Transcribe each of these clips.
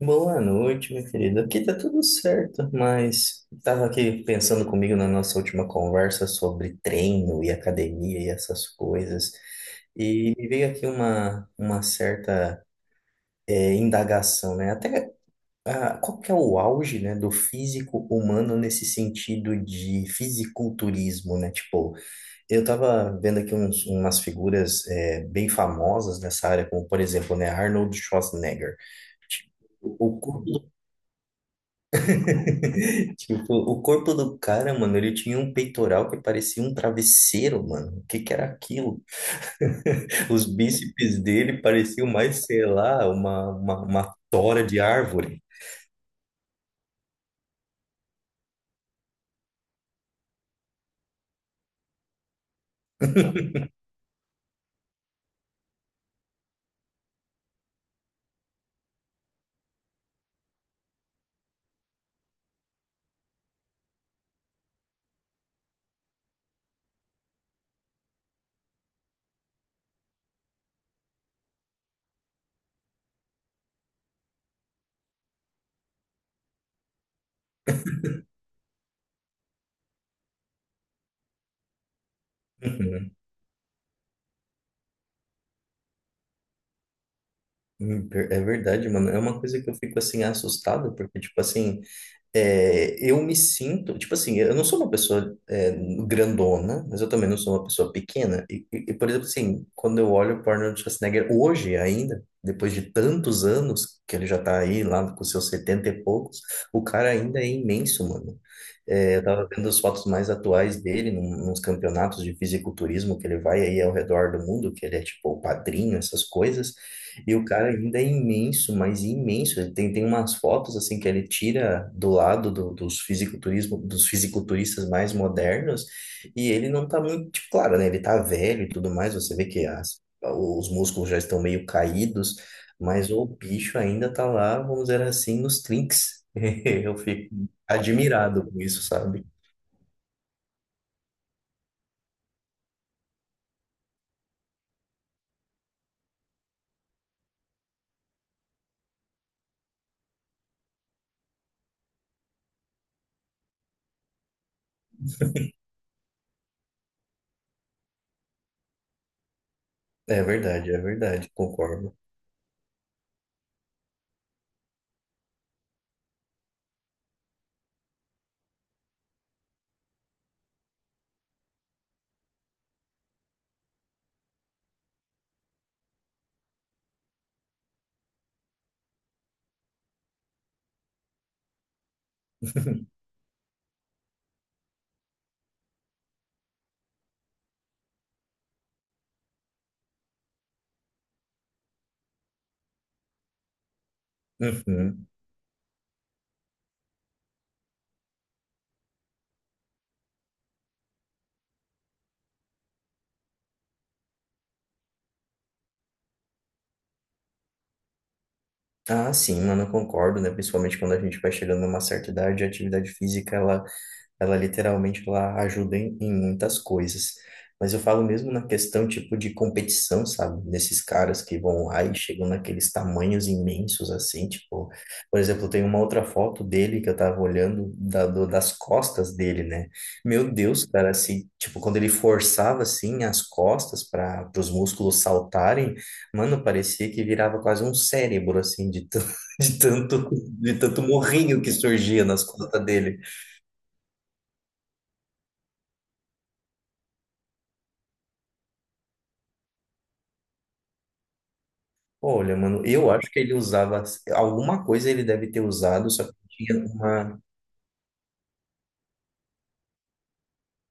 Boa noite, minha querida. Aqui tá tudo certo, mas tava aqui pensando comigo na nossa última conversa sobre treino e academia e essas coisas, e me veio aqui uma certa indagação, né? Até qual que é o auge, né, do físico humano nesse sentido de fisiculturismo, né? Tipo, eu tava vendo aqui umas figuras bem famosas nessa área, como por exemplo, né, Arnold Schwarzenegger. Tipo, o corpo Tipo, o corpo do cara, mano, ele tinha um peitoral que parecia um travesseiro, mano. O que que era aquilo? Os bíceps dele pareciam mais, sei lá, uma tora de árvore. Uhum. É verdade, mano. É uma coisa que eu fico assim assustado, porque, tipo assim. Eu me sinto, tipo assim, eu não sou uma pessoa grandona, mas eu também não sou uma pessoa pequena. E, por exemplo, assim, quando eu olho o Arnold Schwarzenegger hoje ainda, depois de tantos anos que ele já tá aí, lá com seus 70 e poucos, o cara ainda é imenso, mano. Eu estava vendo as fotos mais atuais dele nos campeonatos de fisiculturismo que ele vai aí ao redor do mundo, que ele é tipo o padrinho, essas coisas. E o cara ainda é imenso, mas imenso. Ele tem umas fotos assim que ele tira do lado dos fisiculturistas mais modernos, e ele não tá muito, tipo, claro, né? Ele tá velho e tudo mais, você vê que as- os músculos já estão meio caídos, mas o bicho ainda tá lá, vamos dizer assim, nos trinques. Eu fico admirado com isso, sabe? É verdade, concordo. Uhum. Ah, sim, mano, eu concordo, né? Principalmente quando a gente vai chegando numa certa idade, a atividade física, ela ela literalmente ela ajuda em muitas coisas. Mas eu falo mesmo na questão tipo de competição, sabe? Desses caras que vão lá e chegam naqueles tamanhos imensos assim, tipo, por exemplo, tem uma outra foto dele que eu tava olhando das costas dele, né? Meu Deus, cara, assim, tipo, quando ele forçava assim as costas para os músculos saltarem, mano, parecia que virava quase um cérebro assim de tanto de tanto morrinho que surgia nas costas dele. Olha, mano, eu acho que ele usava alguma coisa ele deve ter usado, só que tinha uma.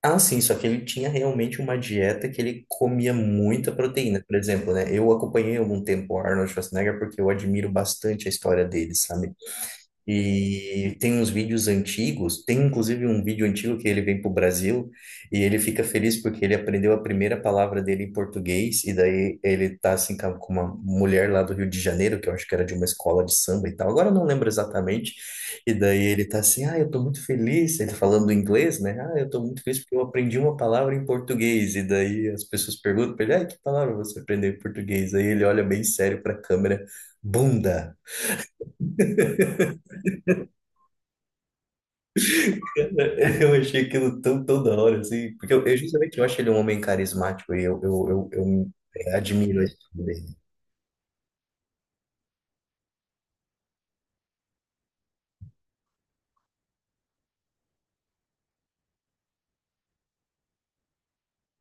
Ah, sim, só que ele tinha realmente uma dieta que ele comia muita proteína. Por exemplo, né? Eu acompanhei algum tempo o Arnold Schwarzenegger porque eu admiro bastante a história dele, sabe? E tem uns vídeos antigos, tem inclusive um vídeo antigo que ele vem para o Brasil e ele fica feliz porque ele aprendeu a primeira palavra dele em português, e daí ele tá assim com uma mulher lá do Rio de Janeiro, que eu acho que era de uma escola de samba e tal, agora eu não lembro exatamente, e daí ele tá assim, ah, eu tô muito feliz, ele tá falando em inglês, né? Ah, eu tô muito feliz porque eu aprendi uma palavra em português, e daí as pessoas perguntam pra ele, ah, que palavra você aprendeu em português? Aí ele olha bem sério para a câmera, bunda. Eu achei aquilo tão, tão da hora, assim, porque eu justamente eu acho ele um homem carismático e eu admiro isso dele.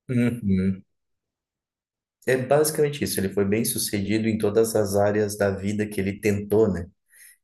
Uhum. É basicamente isso, ele foi bem sucedido em todas as áreas da vida que ele tentou, né?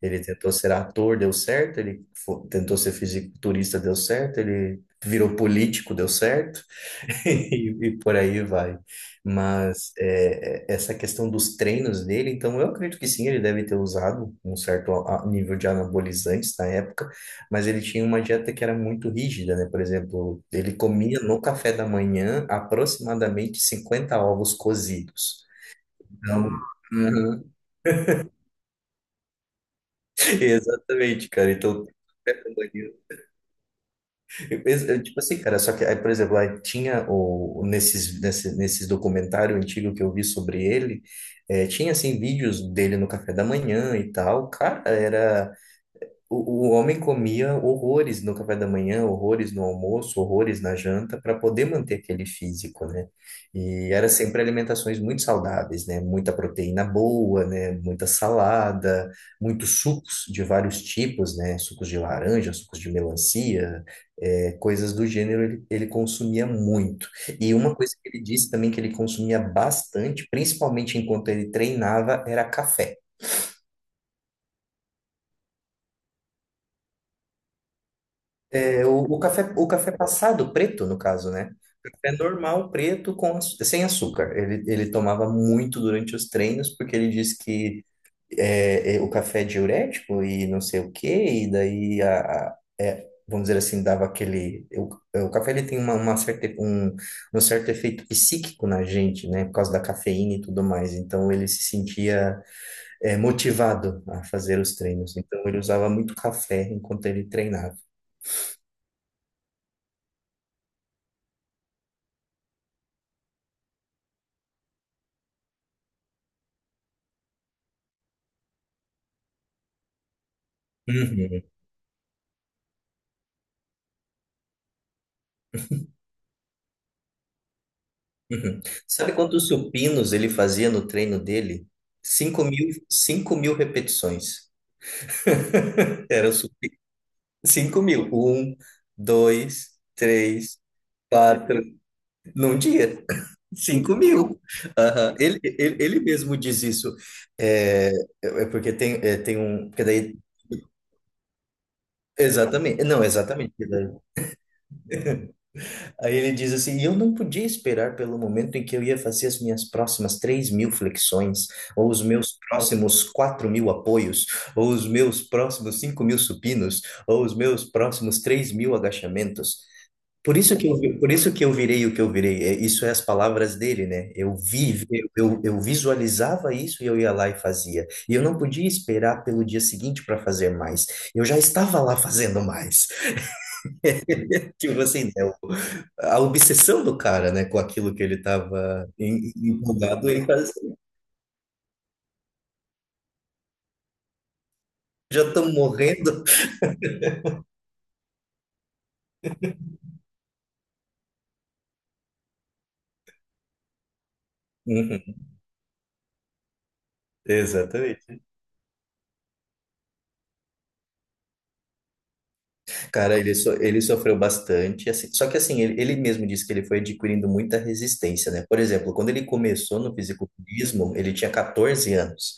Ele tentou ser ator, deu certo, ele tentou ser fisiculturista, deu certo, ele virou político, deu certo. E, e por aí vai. Mas é, é, essa questão dos treinos dele, então eu acredito que sim, ele deve ter usado um certo nível de anabolizantes na época, mas ele tinha uma dieta que era muito rígida, né? Por exemplo, ele comia no café da manhã aproximadamente 50 ovos cozidos. Então, Uhum. Exatamente, cara. Então, eu penso- eu, tipo assim, cara, só que, aí, por exemplo, aí tinha nesses documentário antigo que eu vi sobre ele, tinha, assim, vídeos dele no café da manhã e tal. Cara, era. O homem comia horrores no café da manhã, horrores no almoço, horrores na janta, para poder manter aquele físico, né? E era sempre alimentações muito saudáveis, né? Muita proteína boa, né? Muita salada, muitos sucos de vários tipos, né? Sucos de laranja, sucos de melancia, coisas do gênero ele, ele consumia muito. E uma coisa que ele disse também que ele consumia bastante, principalmente enquanto ele treinava, era café. É o café passado preto, no caso, né? Café normal, preto, sem açúcar. Ele tomava muito durante os treinos, porque ele diz que o café é diurético e não sei o quê, e daí, vamos dizer assim, dava aquele. O café ele tem um certo efeito psíquico na gente, né? Por causa da cafeína e tudo mais. Então, ele se sentia motivado a fazer os treinos. Então, ele usava muito café enquanto ele treinava. Uhum. Uhum. Sabe quantos supinos ele fazia no treino dele? 5.000, 5.000 repetições. Era o supino. 5.000. Um, dois, três, quatro. Num dia. 5.000. Aham. Ele mesmo diz isso. É, é, porque tem, tem um. Porque daí, exatamente. Não, exatamente. Aí ele diz assim: e eu não podia esperar pelo momento em que eu ia fazer as minhas próximas 3.000 flexões, ou os meus próximos 4.000 apoios, ou os meus próximos 5.000 supinos, ou os meus próximos 3.000 agachamentos. Por isso que eu por isso que eu virei o que eu virei. É, isso é as palavras dele, né? Eu visualizava isso e eu ia lá e fazia. E eu não podia esperar pelo dia seguinte para fazer mais. Eu já estava lá fazendo mais. Tipo assim, né, o- a obsessão do cara, né, com aquilo que ele estava empolgado e já estão morrendo. Uhum, exatamente. Cara, ele, ele sofreu bastante, assim, só que assim, ele mesmo disse que ele foi adquirindo muita resistência, né? Por exemplo, quando ele começou no fisiculturismo, ele tinha 14 anos.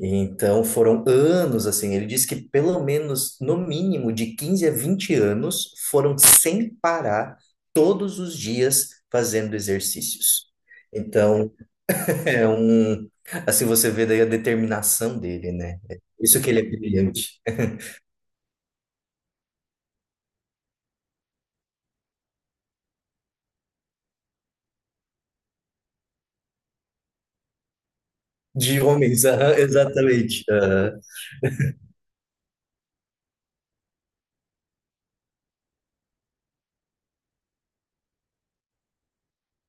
Então foram anos, assim, ele disse que pelo menos, no mínimo, de 15 a 20 anos, foram sem parar, todos os dias, fazendo exercícios. Então, é um. Assim, você vê daí a determinação dele, né? É isso que ele é brilhante. De homens, aham, exatamente.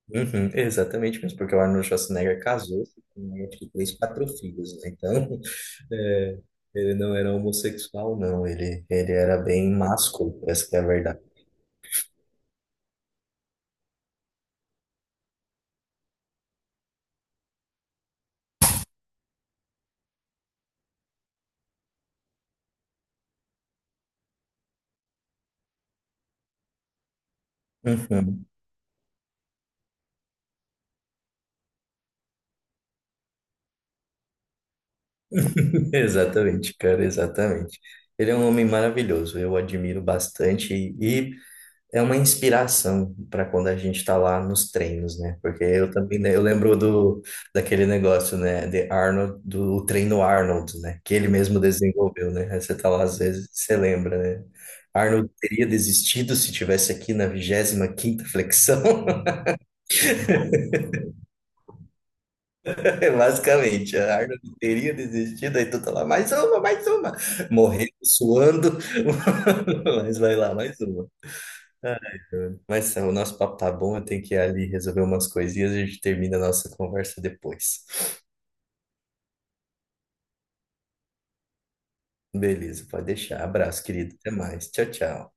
Uhum, exatamente mesmo, porque o Arnold Schwarzenegger casou-se com acho que três, quatro filhos, né? Então, é, ele não era homossexual, não, ele era bem másculo, essa que é a verdade. Uhum, Exatamente, cara, exatamente. Ele é um homem maravilhoso, eu o admiro bastante e é uma inspiração para quando a gente está lá nos treinos, né? Porque eu também, né, eu lembro do daquele negócio, né, de Arnold, do treino Arnold, né? Que ele mesmo desenvolveu, né? Aí você tá lá às vezes, você lembra, né? Arnold teria desistido se tivesse aqui na 25ª flexão, basicamente. Arnold teria desistido, aí tu tá lá, mais uma, mais uma. Morrendo, suando, mas vai lá, mais uma. Mas Sam, o nosso papo tá bom, eu tenho que ir ali resolver umas coisinhas e a gente termina a nossa conversa depois. Beleza, pode deixar. Abraço, querido. Até mais. Tchau, tchau.